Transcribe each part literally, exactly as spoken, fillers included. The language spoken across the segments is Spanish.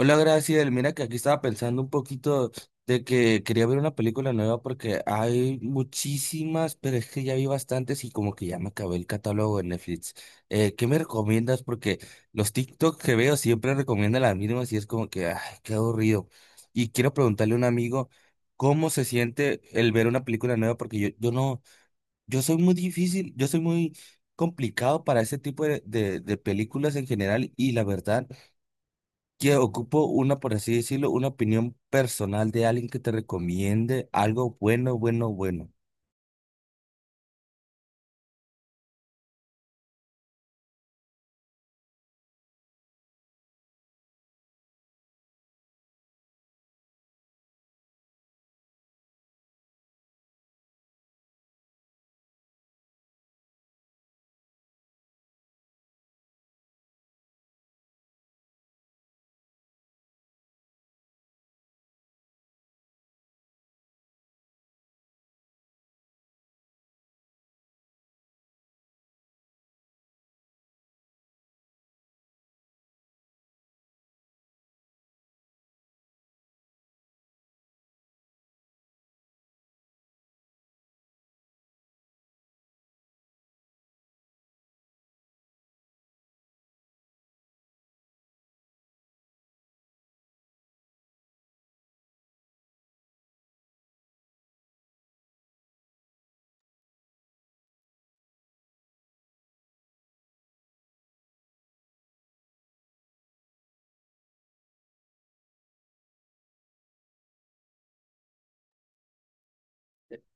Hola, Graciela. Mira que aquí estaba pensando un poquito de que quería ver una película nueva porque hay muchísimas, pero es que ya vi bastantes y como que ya me acabé el catálogo de Netflix. Eh, ¿qué me recomiendas? Porque los TikTok que veo siempre recomiendan las mismas y es como que, ay, qué aburrido. Y quiero preguntarle a un amigo cómo se siente el ver una película nueva porque yo, yo no, yo soy muy difícil, yo soy muy complicado para ese tipo de, de de películas en general, y la verdad que ocupo una, por así decirlo, una opinión personal de alguien que te recomiende algo bueno, bueno, bueno.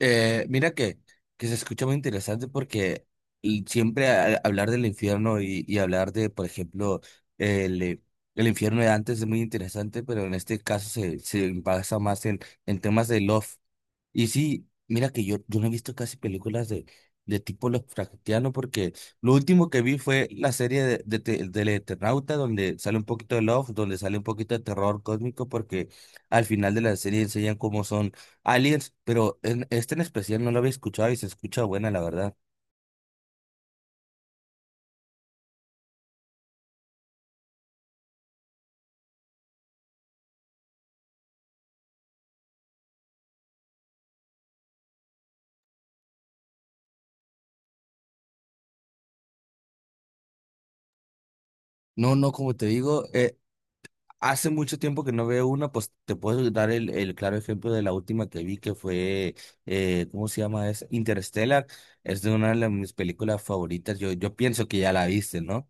Eh, mira que, que se escucha muy interesante porque y siempre a- hablar del infierno y, y hablar de, por ejemplo, el, eh, el infierno de antes es muy interesante, pero en este caso se, se basa más en, en temas de love. Y sí, mira que yo, yo no he visto casi películas de, de tipo Lovecraftiano porque lo último que vi fue la serie de, de, te- del Eternauta donde sale un poquito de love, donde sale un poquito de terror cósmico porque al final de la serie enseñan cómo son aliens, pero en este, en especial, no lo había escuchado y se escucha buena, la verdad. No, no, como te digo, eh, hace mucho tiempo que no veo una, pues te puedo dar el, el claro ejemplo de la última que vi, que fue, eh, ¿cómo se llama? Es Interstellar. Es de una de las- mis películas favoritas. Yo, yo pienso que ya la viste, ¿no?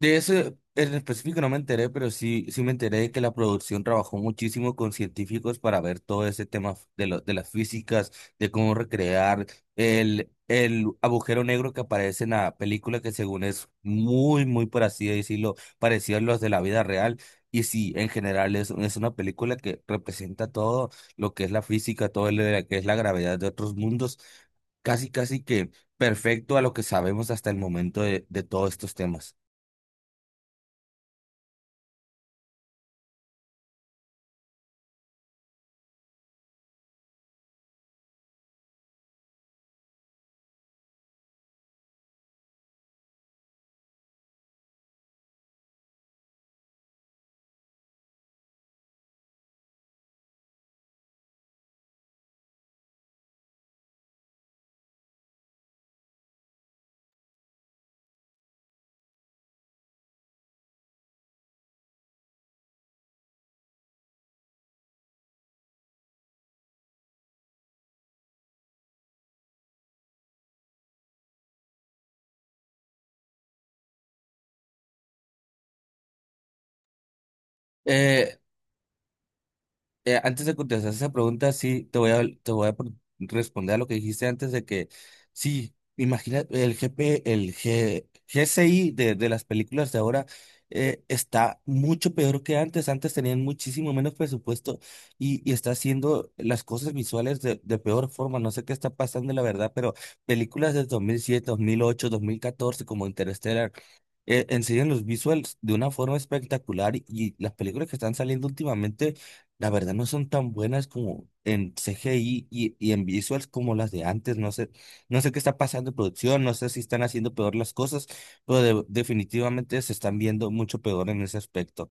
De eso en específico no me enteré, pero sí, sí me enteré de que la producción trabajó muchísimo con científicos para ver todo ese tema de, lo- de las físicas, de cómo recrear el, el agujero negro que aparece en la película, que según es muy, muy, por así decirlo, parecido a los de la vida real. Y sí, en general es, es una película que representa todo lo que es la física, todo lo que es la gravedad de otros mundos, casi, casi que perfecto a lo que sabemos hasta el momento de de todos estos temas. Eh, eh, Antes de contestar esa pregunta, sí, te voy a, te voy a pre- responder a lo que dijiste antes de que, sí, imagina el G P el G- GCI de, de las películas de ahora, eh, está mucho peor que antes. Antes tenían muchísimo menos presupuesto y, y está haciendo las cosas visuales de, de peor forma. No sé qué está pasando, la verdad, pero películas de dos dos mil mil siete, dos mil ocho, dos mil catorce, como Interstellar, eh, enseñan los visuals de una forma espectacular, y, y las películas que están saliendo últimamente la verdad no son tan buenas como en C G I y, y en visuals como las de antes. No sé, no sé qué está pasando en producción, no sé si están haciendo peor las cosas, pero de- definitivamente se están viendo mucho peor en ese aspecto.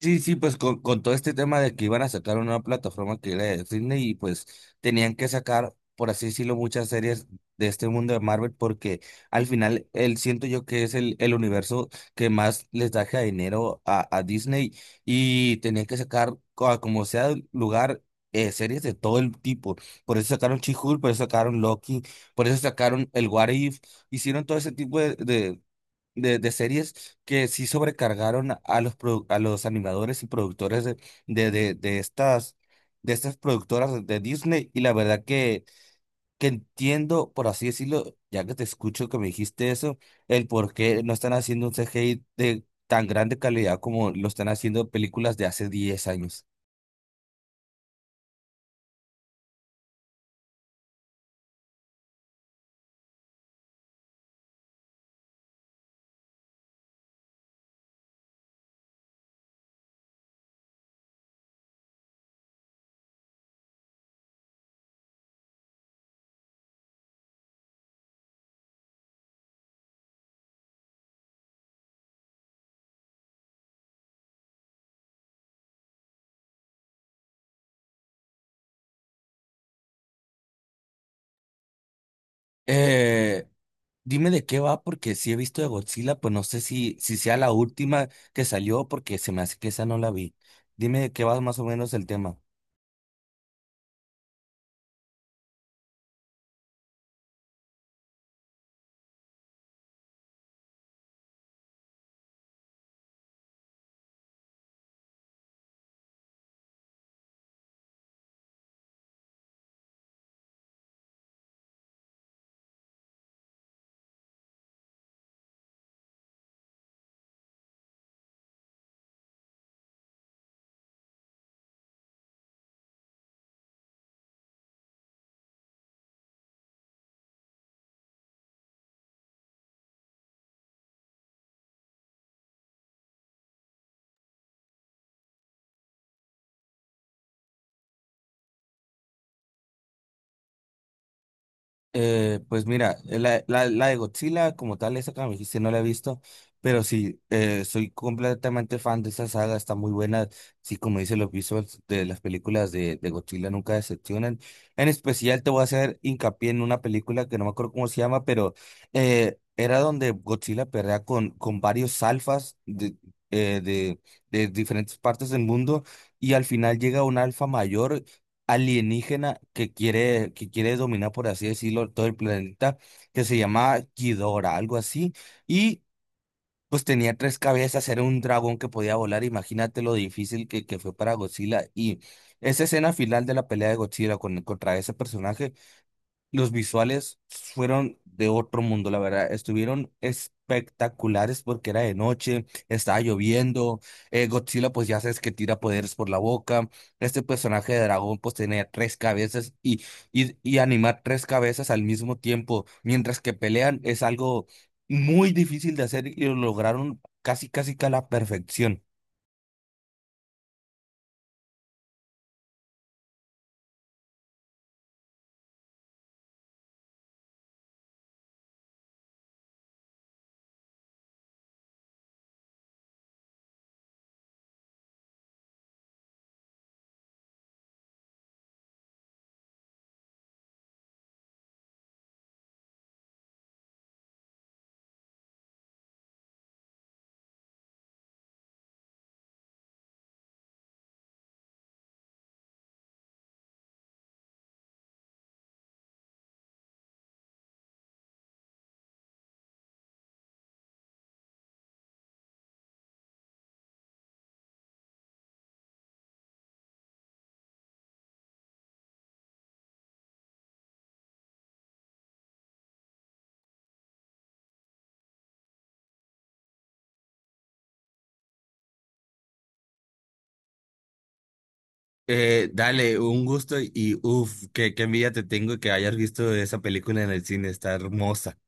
Sí, sí, pues con, con todo este tema de que iban a sacar una plataforma que era de Disney y pues tenían que sacar, por así decirlo, muchas series de este mundo de Marvel porque al final él siento yo que es el, el universo que más les da dinero a, a Disney y tenían que sacar co- a como sea el lugar, eh, series de todo el tipo. Por eso sacaron She-Hulk, por eso sacaron Loki, por eso sacaron el What If, hicieron todo ese tipo de, de, de series que sí sobrecargaron a los, produ- a los animadores y productores de, de, de, de estas, de estas productoras de de Disney. Y la verdad que, que entiendo, por así decirlo, ya que te escucho que me dijiste eso, el por qué no están haciendo un C G I de tan grande calidad como lo están haciendo películas de hace diez años. Eh, Dime de qué va, porque si he visto de Godzilla, pues no sé si, si sea la última que salió, porque se me hace que esa no la vi. Dime de qué va más o menos el tema. Eh, pues mira, eh, la, la, la de Godzilla como tal, esa que me dijiste, no la he visto, pero sí, eh, soy completamente fan de esa saga, está muy buena, sí, como dice los visuals de las películas de, de Godzilla nunca decepcionan. En especial te voy a hacer hincapié en una película que no me acuerdo cómo se llama, pero eh, era donde Godzilla pelea con, con varios alfas de, eh, de, de diferentes partes del mundo y al final llega un alfa mayor alienígena que quiere, que quiere dominar, por así decirlo, todo el planeta, que se llama Ghidorah, algo así, y pues tenía tres cabezas, era un dragón que podía volar. Imagínate lo difícil que, que fue para Godzilla, y esa escena final de la pelea de Godzilla con, contra ese personaje, los visuales fueron de otro mundo, la verdad. Estuvieron espectaculares porque era de noche, estaba lloviendo. eh, Godzilla, pues ya sabes que tira poderes por la boca. Este personaje de dragón, pues tenía tres cabezas y, y, y animar tres cabezas al mismo tiempo mientras que pelean es algo muy difícil de hacer y lo lograron casi, casi que a la perfección. Eh, dale, un gusto y uff, qué, qué envidia te tengo que hayas visto esa película en el cine, está hermosa.